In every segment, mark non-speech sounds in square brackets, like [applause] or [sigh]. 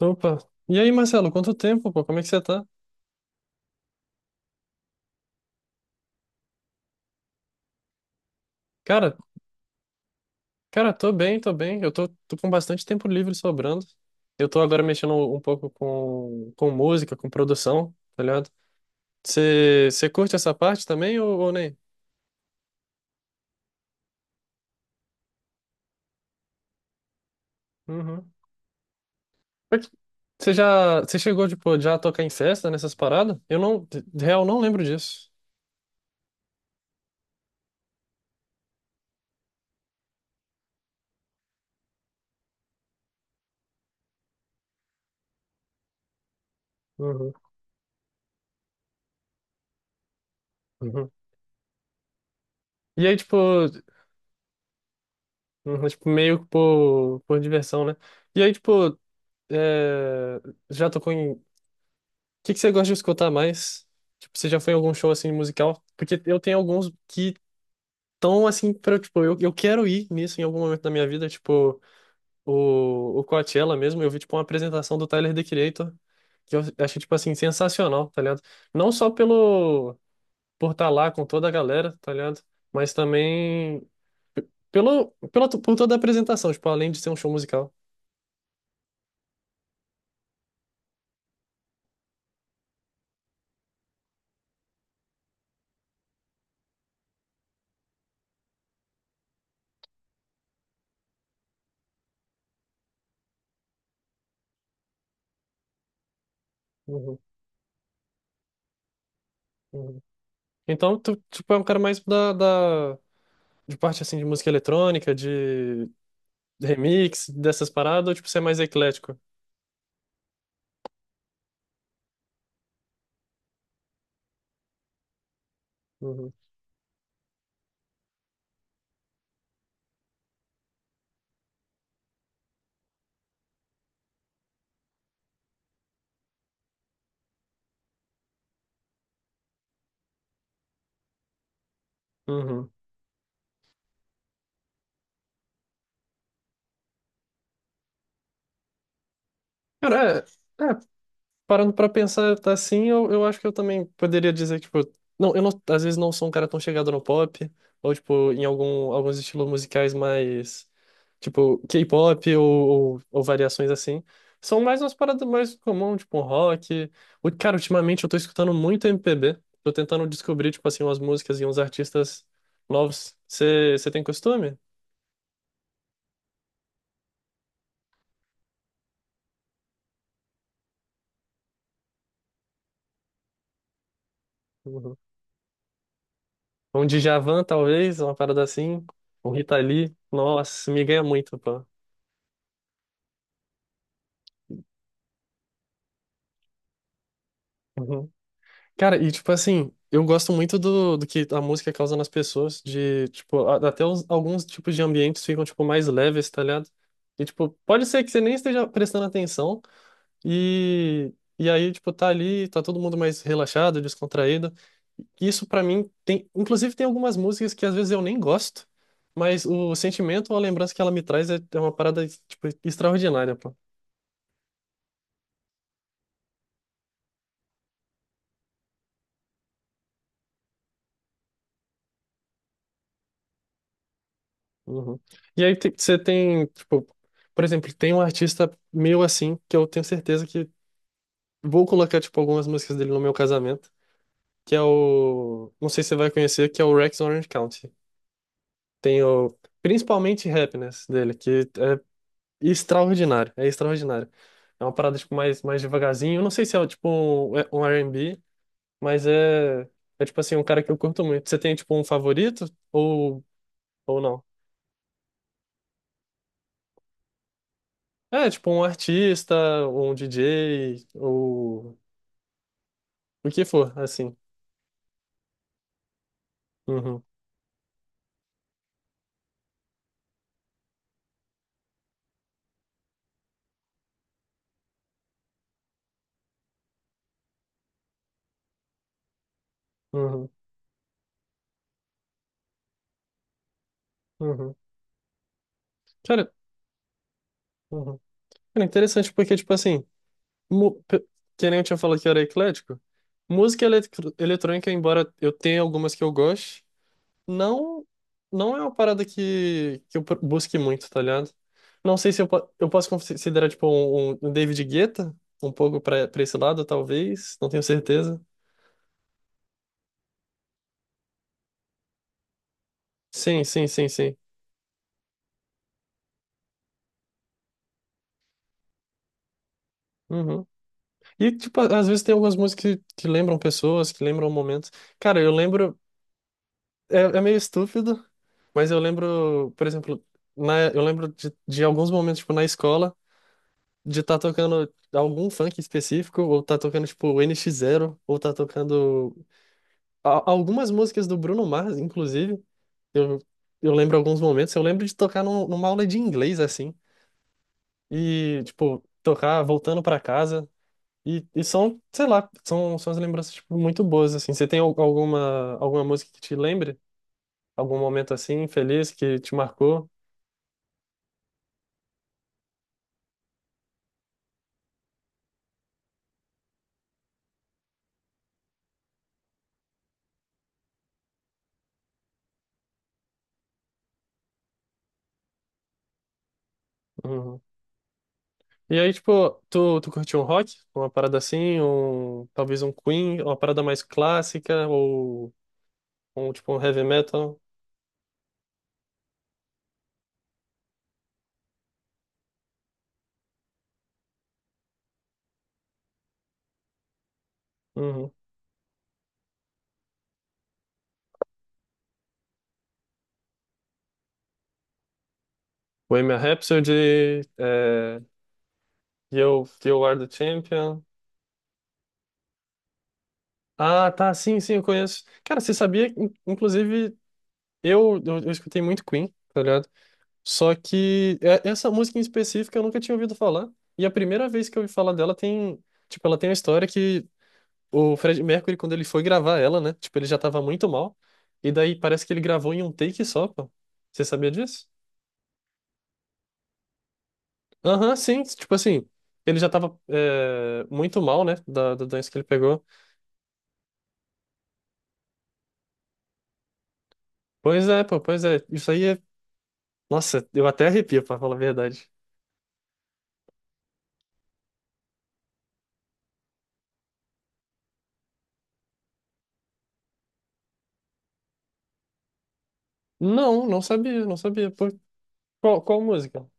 Opa. E aí, Marcelo, quanto tempo, pô? Como é que você tá? Cara, cara, tô bem, tô bem. Eu tô com bastante tempo livre sobrando. Eu tô agora mexendo um pouco com música, com produção, tá ligado? Você curte essa parte também ou nem? Uhum. Você chegou, tipo, já a tocar em festa nessas paradas? Eu não, de real, não lembro disso. Uhum, uhum. E aí, tipo, uhum, tipo, meio que por diversão, né? E aí, tipo, é, já tocou em, que você gosta de escutar mais? Tipo, você já foi em algum show assim musical? Porque eu tenho alguns que estão assim para tipo, eu quero ir nisso em algum momento da minha vida, tipo, o Coachella mesmo, eu vi tipo uma apresentação do Tyler, The Creator, que eu achei tipo assim sensacional, tá ligado? Não só pelo por estar lá com toda a galera, tá ligado? Mas também por toda a apresentação, tipo, além de ser um show musical. Uhum, uhum. Então, tu, tipo, é um cara mais de parte, assim, de música eletrônica, de Remix, dessas paradas, ou tipo, você é mais eclético? Uhum. Uhum. Cara, é, é, parando pra pensar tá assim, eu acho que eu também poderia dizer que, tipo, não, eu não- às vezes não sou um cara tão chegado no pop, ou, tipo, em alguns estilos musicais mais, tipo, K-pop ou variações assim. São mais umas paradas mais comum, tipo, um rock. O, cara, ultimamente eu tô escutando muito MPB, tô tentando descobrir, tipo, assim, umas músicas e uns artistas novos. Você tem costume? Uhum. Um Djavan, talvez, uma parada assim, um Rita Lee. Nossa, me ganha muito, pô. [laughs] Cara, e tipo assim, eu gosto muito do que a música causa nas pessoas, de, tipo, até alguns tipos de ambientes ficam, tipo, mais leves, tá ligado? E, tipo, pode ser que você nem esteja prestando atenção e aí, tipo, tá ali, tá todo mundo mais relaxado, descontraído. Isso pra mim tem, inclusive tem algumas músicas que às vezes eu nem gosto, mas o sentimento ou a lembrança que ela me traz é uma parada, tipo, extraordinária, pô. Uhum. E aí você tem, tipo, por exemplo, tem um artista meu assim, que eu tenho certeza que vou colocar, tipo, algumas músicas dele no meu casamento, que é o, não sei se você vai conhecer, que é o Rex Orange County. Tem o, principalmente Happiness dele, que é extraordinário, é extraordinário. É uma parada, tipo, mais devagarzinho. Eu não sei se é, tipo, é um R&B, mas é, tipo assim, um cara que eu curto muito. Você tem, tipo, um favorito ou, ou não? É, tipo um artista, um DJ, ou o que for, assim. Uhum, uhum, uhum. Cara, uhum. Cara, interessante porque, tipo assim, mu- pe- que nem eu tinha falado que era eclético, música eletrônica, embora eu tenha algumas que eu goste, não, não é uma parada que eu busque muito, tá ligado? Não sei se eu posso considerar, tipo, um David Guetta, um pouco pra esse lado, talvez, não tenho certeza. Sim, sim, sim, sim. Uhum. E, tipo, às vezes tem algumas músicas que lembram pessoas, que lembram momentos. Cara, eu lembro. É meio estúpido, mas eu lembro, por exemplo, eu lembro de alguns momentos, tipo, na escola, de estar tocando algum funk específico, ou tá tocando, tipo, o NX Zero, ou tá tocando algumas músicas do Bruno Mars, inclusive. Eu, eu lembro alguns momentos. Eu lembro de tocar numa aula de inglês, assim, e, tipo, tocar voltando pra casa. E são, sei lá, são as lembranças, tipo, muito boas, assim. Você tem alguma música que te lembre? Algum momento, assim, feliz, que te marcou? Uhum. E aí, tipo, tu curtiu um rock? Uma parada assim? Um, talvez um Queen? Uma parada mais clássica? Ou, um tipo, um heavy metal? Uhum. Bohemian Rhapsody? É, You Are the Champion? Ah, tá, sim, sim, eu conheço. Cara, você sabia, inclusive, eu escutei muito Queen, tá ligado? Só que essa música em específico eu nunca tinha ouvido falar. E a primeira vez que eu ouvi falar dela tem, tipo, ela tem uma história que o Fred Mercury, quando ele foi gravar ela, né? Tipo, ele já tava muito mal. E daí parece que ele gravou em um take só, pô. Você sabia disso? Aham, sim. Tipo assim, ele já tava muito mal, né? Da doença que ele pegou. Pois é, pô, pois é. Isso aí é. Nossa, eu até arrepio, pra falar a verdade. Não, não sabia, não sabia. Pô, qual música?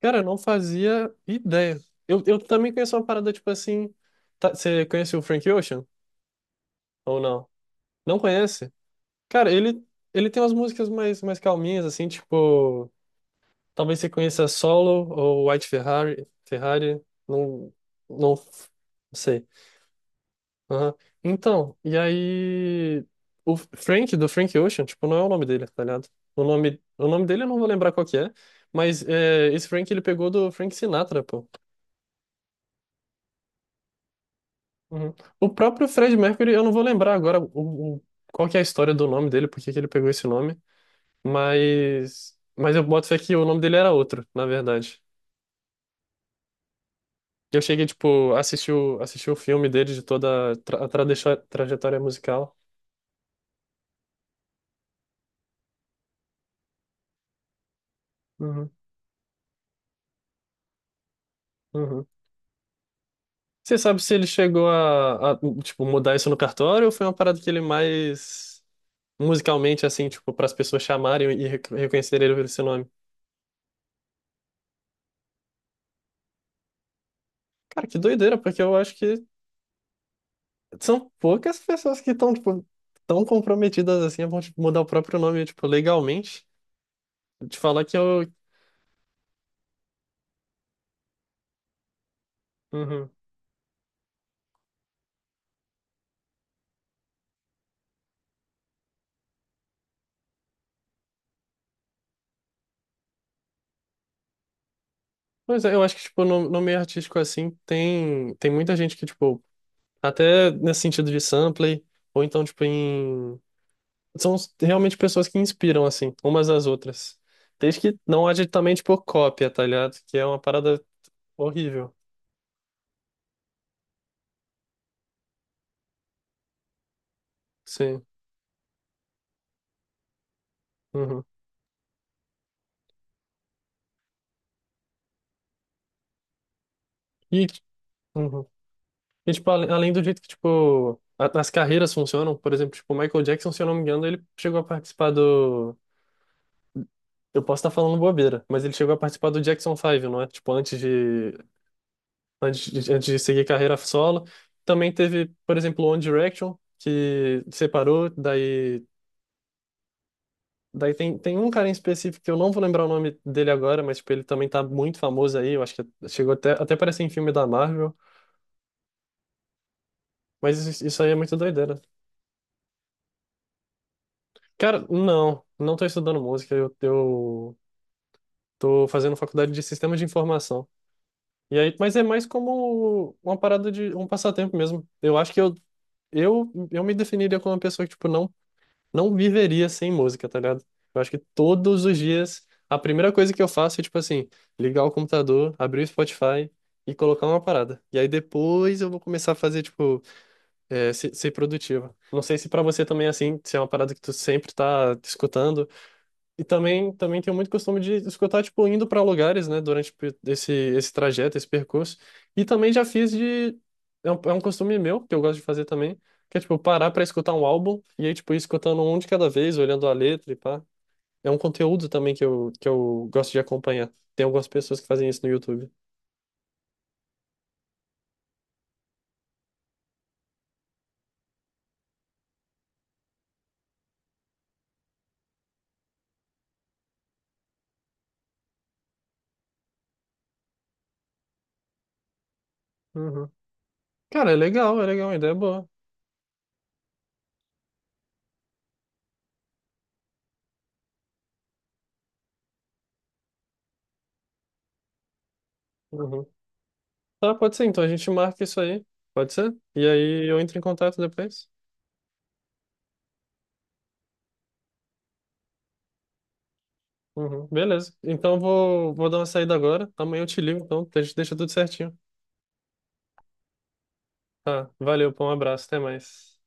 Cara, eu não fazia ideia. Eu também conheço uma parada tipo assim. Você conhece o Frank Ocean? Ou não? Não conhece? Cara, ele tem umas músicas mais calminhas, assim, tipo. Talvez você conheça Solo ou White Ferrari. Ferrari. Não. Não, não sei. Aham. Então, e aí. O Frank, do Frank Ocean, tipo, não é o nome dele, tá ligado? O nome dele eu não vou lembrar qual que é, mas esse Frank ele pegou do Frank Sinatra, pô. Uhum. O próprio Fred Mercury, eu não vou lembrar agora qual que é a história do nome dele, por que que ele pegou esse nome, mas eu boto fé que o nome dele era outro, na verdade. Eu cheguei, tipo, a assistir o filme dele de toda a trajetória musical. Uhum, uhum. Você sabe se ele chegou a, tipo, mudar isso no cartório ou foi uma parada que ele mais musicalmente, assim, tipo, para as pessoas chamarem e reconhecerem ele pelo esse nome? Cara, que doideira, porque eu acho que são poucas pessoas que estão, tipo, tão comprometidas assim, a ponto de mudar o próprio nome, tipo, legalmente. Te falar que eu. Uhum. Mas eu acho que, tipo, no meio artístico assim, tem muita gente que, tipo, até nesse sentido de sample, ou então, tipo, em. São realmente pessoas que inspiram, assim, umas às outras. Desde que não haja também, tipo, cópia, tá ligado? Que é uma parada horrível. Sim. Uhum. E. Uhum. E, tipo, além do jeito que, tipo, as carreiras funcionam, por exemplo, tipo, o Michael Jackson, se eu não me engano, ele chegou a participar do... Eu posso estar falando bobeira, mas ele chegou a participar do Jackson Five, não é? Tipo, antes de seguir carreira solo. Também teve, por exemplo, o One Direction, que separou, daí... Daí tem um cara em específico que eu não vou lembrar o nome dele agora, mas, tipo, ele também tá muito famoso aí, eu acho que chegou até parece em filme da Marvel, mas isso aí é muito doideira. Cara, não, não tô estudando música, eu tô fazendo faculdade de sistema de informação. E aí, mas é mais como uma parada de um passatempo mesmo. Eu acho que eu me definiria como uma pessoa que, tipo, não, não viveria sem música, tá ligado? Eu acho que todos os dias a primeira coisa que eu faço é, tipo assim, ligar o computador, abrir o Spotify e colocar uma parada. E aí depois eu vou começar a fazer, tipo, ser, produtivo. Não sei se pra você também é assim, se é uma parada que tu sempre tá escutando e também tenho muito costume de escutar, tipo, indo para lugares, né, durante esse trajeto, esse percurso. E também já fiz de. É um costume meu, que eu gosto de fazer também, que é, tipo, parar para escutar um álbum e aí, tipo, ir escutando um de cada vez, olhando a letra e pá. É um conteúdo também que eu gosto de acompanhar. Tem algumas pessoas que fazem isso no YouTube. Uhum. Cara, é legal, a ideia é boa. Uhum. Tá, pode ser, então a gente marca isso aí. Pode ser? E aí eu entro em contato depois. Uhum, beleza. Então vou dar uma saída agora. Amanhã eu te ligo, então. A gente deixa tudo certinho. Tá, valeu, pô, um abraço, até mais.